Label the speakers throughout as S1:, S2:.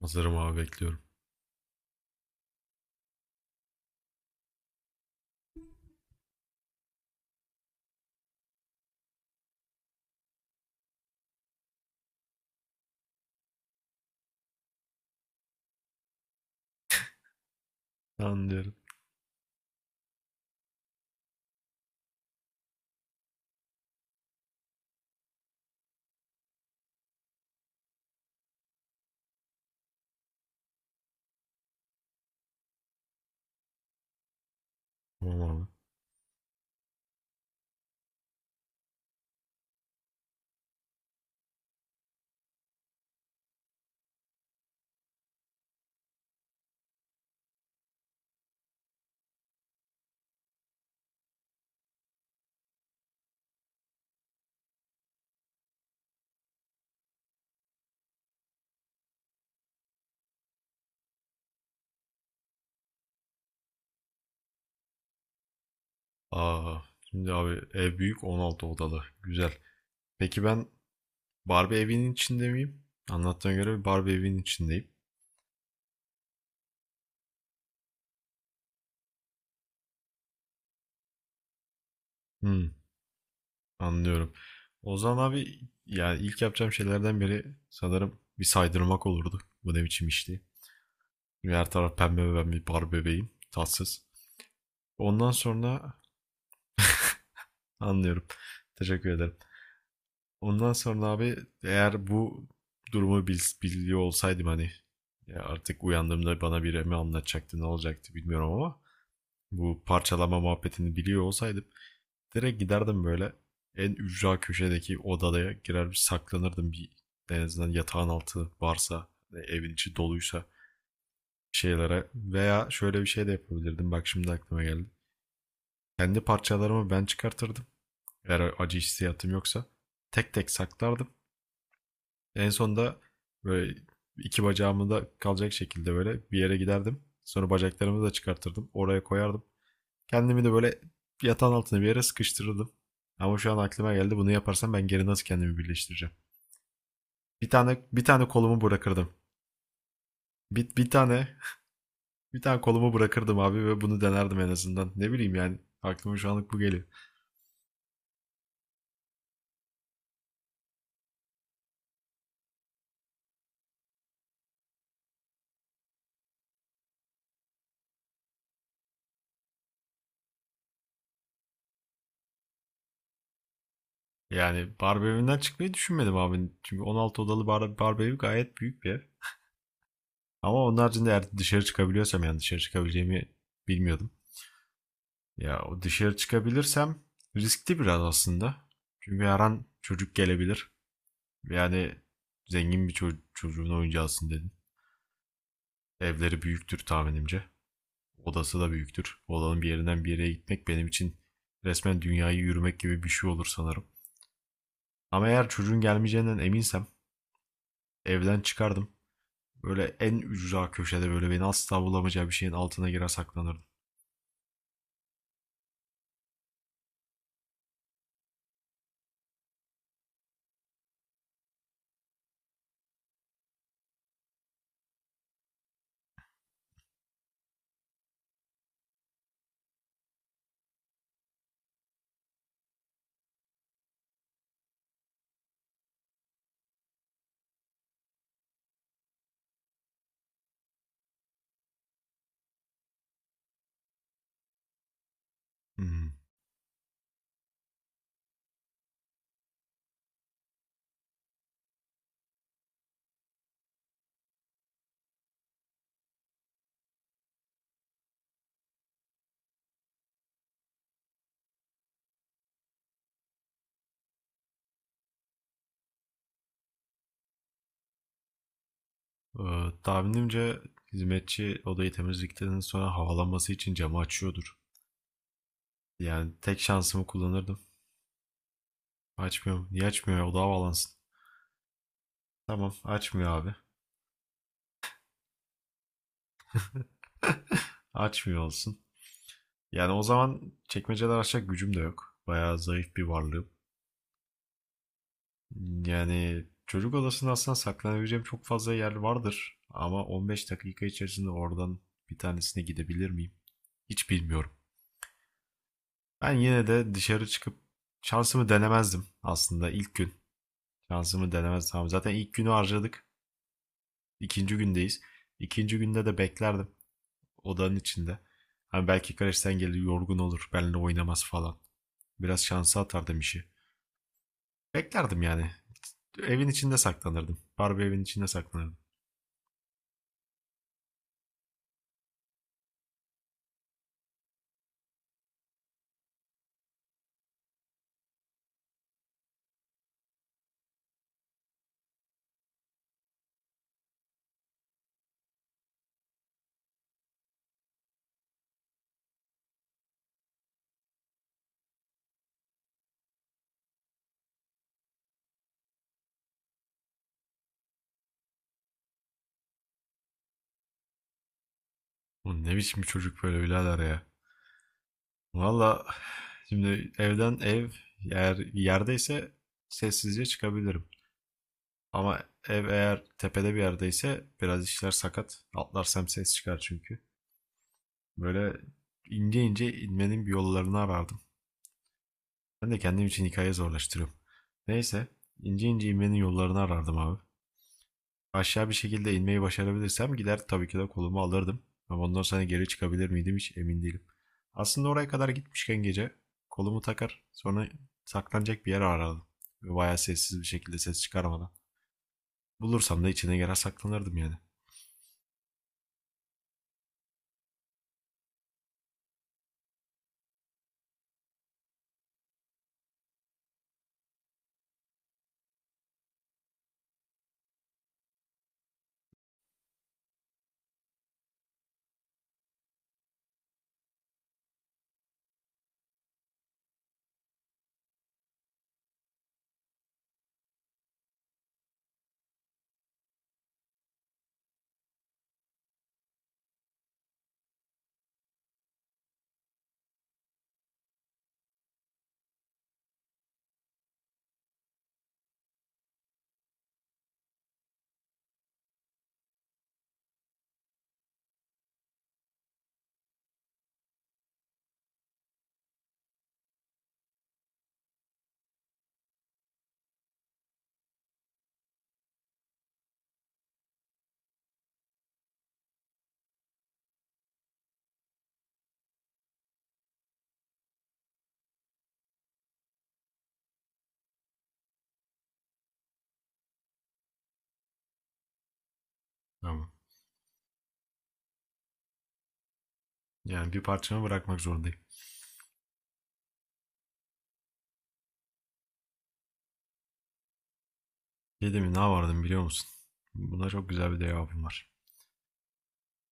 S1: Hazırım abi, bekliyorum. Tamam diyorum. Tamam abi. Aa, şimdi abi, ev büyük, 16 odalı. Güzel. Peki ben Barbie evinin içinde miyim? Anlattığına göre bir Barbie evinin içindeyim. Hmm, anlıyorum. O zaman abi, yani ilk yapacağım şeylerden biri sanırım bir saydırmak olurdu. Bu ne biçim işti? Şimdi her taraf pembe ve ben bir Barbie bebeğim. Tatsız. Ondan sonra anlıyorum. Teşekkür ederim. Ondan sonra abi, eğer bu durumu biliyor olsaydım, hani ya artık uyandığımda bana biri mi anlatacaktı, ne olacaktı bilmiyorum, ama bu parçalama muhabbetini biliyor olsaydım, direkt giderdim böyle en ücra köşedeki odaya, girer bir saklanırdım, bir en azından yatağın altı varsa, evin içi doluysa şeylere. Veya şöyle bir şey de yapabilirdim, bak şimdi aklıma geldi. Kendi parçalarımı ben çıkartırdım, eğer acı hissiyatım yoksa tek tek saklardım. En sonunda böyle iki bacağımı da kalacak şekilde böyle bir yere giderdim. Sonra bacaklarımı da çıkartırdım. Oraya koyardım. Kendimi de böyle yatağın altına bir yere sıkıştırırdım. Ama şu an aklıma geldi, bunu yaparsam ben geri nasıl kendimi birleştireceğim? Bir tane kolumu bırakırdım. Bir tane Bir tane kolumu bırakırdım abi ve bunu denerdim en azından. Ne bileyim, yani aklıma şu anlık bu geliyor. Yani Barbie evinden çıkmayı düşünmedim abi. Çünkü 16 odalı Barbie evi gayet büyük bir ev. Ama onun haricinde eğer dışarı çıkabiliyorsam, yani dışarı çıkabileceğimi bilmiyordum. Ya o, dışarı çıkabilirsem riskli biraz aslında. Çünkü her an çocuk gelebilir. Yani zengin bir çocuğun oyuncağısın dedin. Evleri büyüktür tahminimce. Odası da büyüktür. Odanın bir yerinden bir yere gitmek benim için resmen dünyayı yürümek gibi bir şey olur sanırım. Ama eğer çocuğun gelmeyeceğinden eminsem, evden çıkardım. Böyle en ücra köşede, böyle beni asla bulamayacağı bir şeyin altına girer saklanırdım. Hmm. Tahminimce hizmetçi odayı temizlikten sonra havalanması için camı açıyordur. Yani tek şansımı kullanırdım. Açmıyor mu? Niye açmıyor ya? O daha bağlansın. Tamam, açmıyor abi. Açmıyor olsun. Yani o zaman çekmeceler açacak gücüm de yok. Bayağı zayıf bir varlığım. Yani çocuk odasında aslında saklanabileceğim çok fazla yer vardır. Ama 15 dakika içerisinde oradan bir tanesine gidebilir miyim? Hiç bilmiyorum. Ben yine de dışarı çıkıp şansımı denemezdim aslında ilk gün. Şansımı denemezdim. Tamam, zaten ilk günü harcadık. İkinci gündeyiz. İkinci günde de beklerdim odanın içinde. Hani belki Kareş'ten gelir, yorgun olur, benimle oynamaz falan. Biraz şansa atardım işi. Beklerdim yani. Evin içinde saklanırdım. Barbie evin içinde saklanırdım. Bu ne biçim bir çocuk böyle birader ya. Valla şimdi evden eğer yerdeyse sessizce çıkabilirim. Ama ev eğer tepede bir yerdeyse biraz işler sakat. Atlarsam ses çıkar çünkü. Böyle ince ince inmenin bir yollarını arardım. Ben de kendim için hikaye zorlaştırıyorum. Neyse, ince ince inmenin yollarını arardım abi. Aşağı bir şekilde inmeyi başarabilirsem gider tabii ki de kolumu alırdım. Ama ondan sonra geri çıkabilir miydim hiç emin değilim. Aslında oraya kadar gitmişken gece kolumu takar, sonra saklanacak bir yer arardım. Ve bayağı sessiz bir şekilde, ses çıkarmadan. Bulursam da içine girer saklanırdım yani. Tamam. Yani bir parçamı bırakmak zorundayım. Şey mi, ne yapardım biliyor musun? Buna çok güzel bir cevabım var.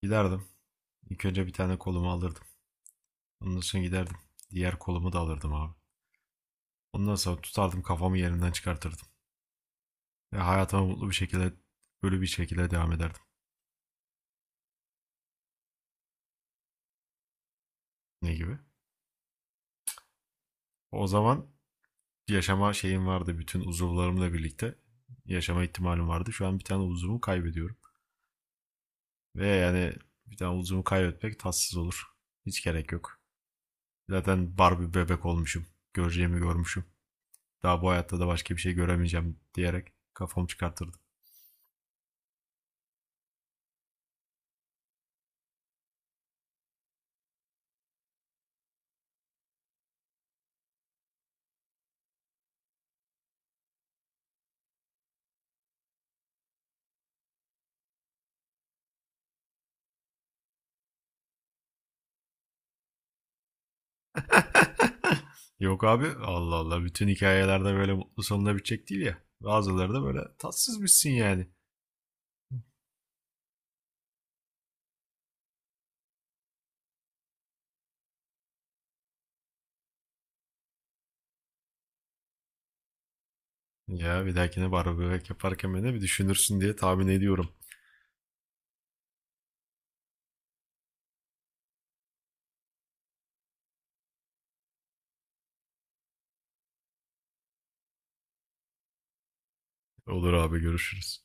S1: Giderdim. İlk önce bir tane kolumu alırdım. Ondan sonra giderdim. Diğer kolumu da alırdım abi. Ondan sonra tutardım, kafamı yerinden çıkartırdım. Ya hayatıma mutlu bir şekilde, böyle bir şekilde devam ederdim. Ne gibi? O zaman yaşama şeyim vardı. Bütün uzuvlarımla birlikte yaşama ihtimalim vardı. Şu an bir tane uzuvumu kaybediyorum. Ve yani bir tane uzuvumu kaybetmek tatsız olur. Hiç gerek yok. Zaten Barbie bebek olmuşum. Göreceğimi görmüşüm. Daha bu hayatta da başka bir şey göremeyeceğim diyerek kafamı çıkartırdım. Yok abi, Allah Allah, bütün hikayelerde böyle mutlu sonuna bitecek değil ya. Bazıları da böyle tatsız bitsin yani. Ya bir dahakine barbekü yaparken beni bir düşünürsün diye tahmin ediyorum. Olur abi, görüşürüz.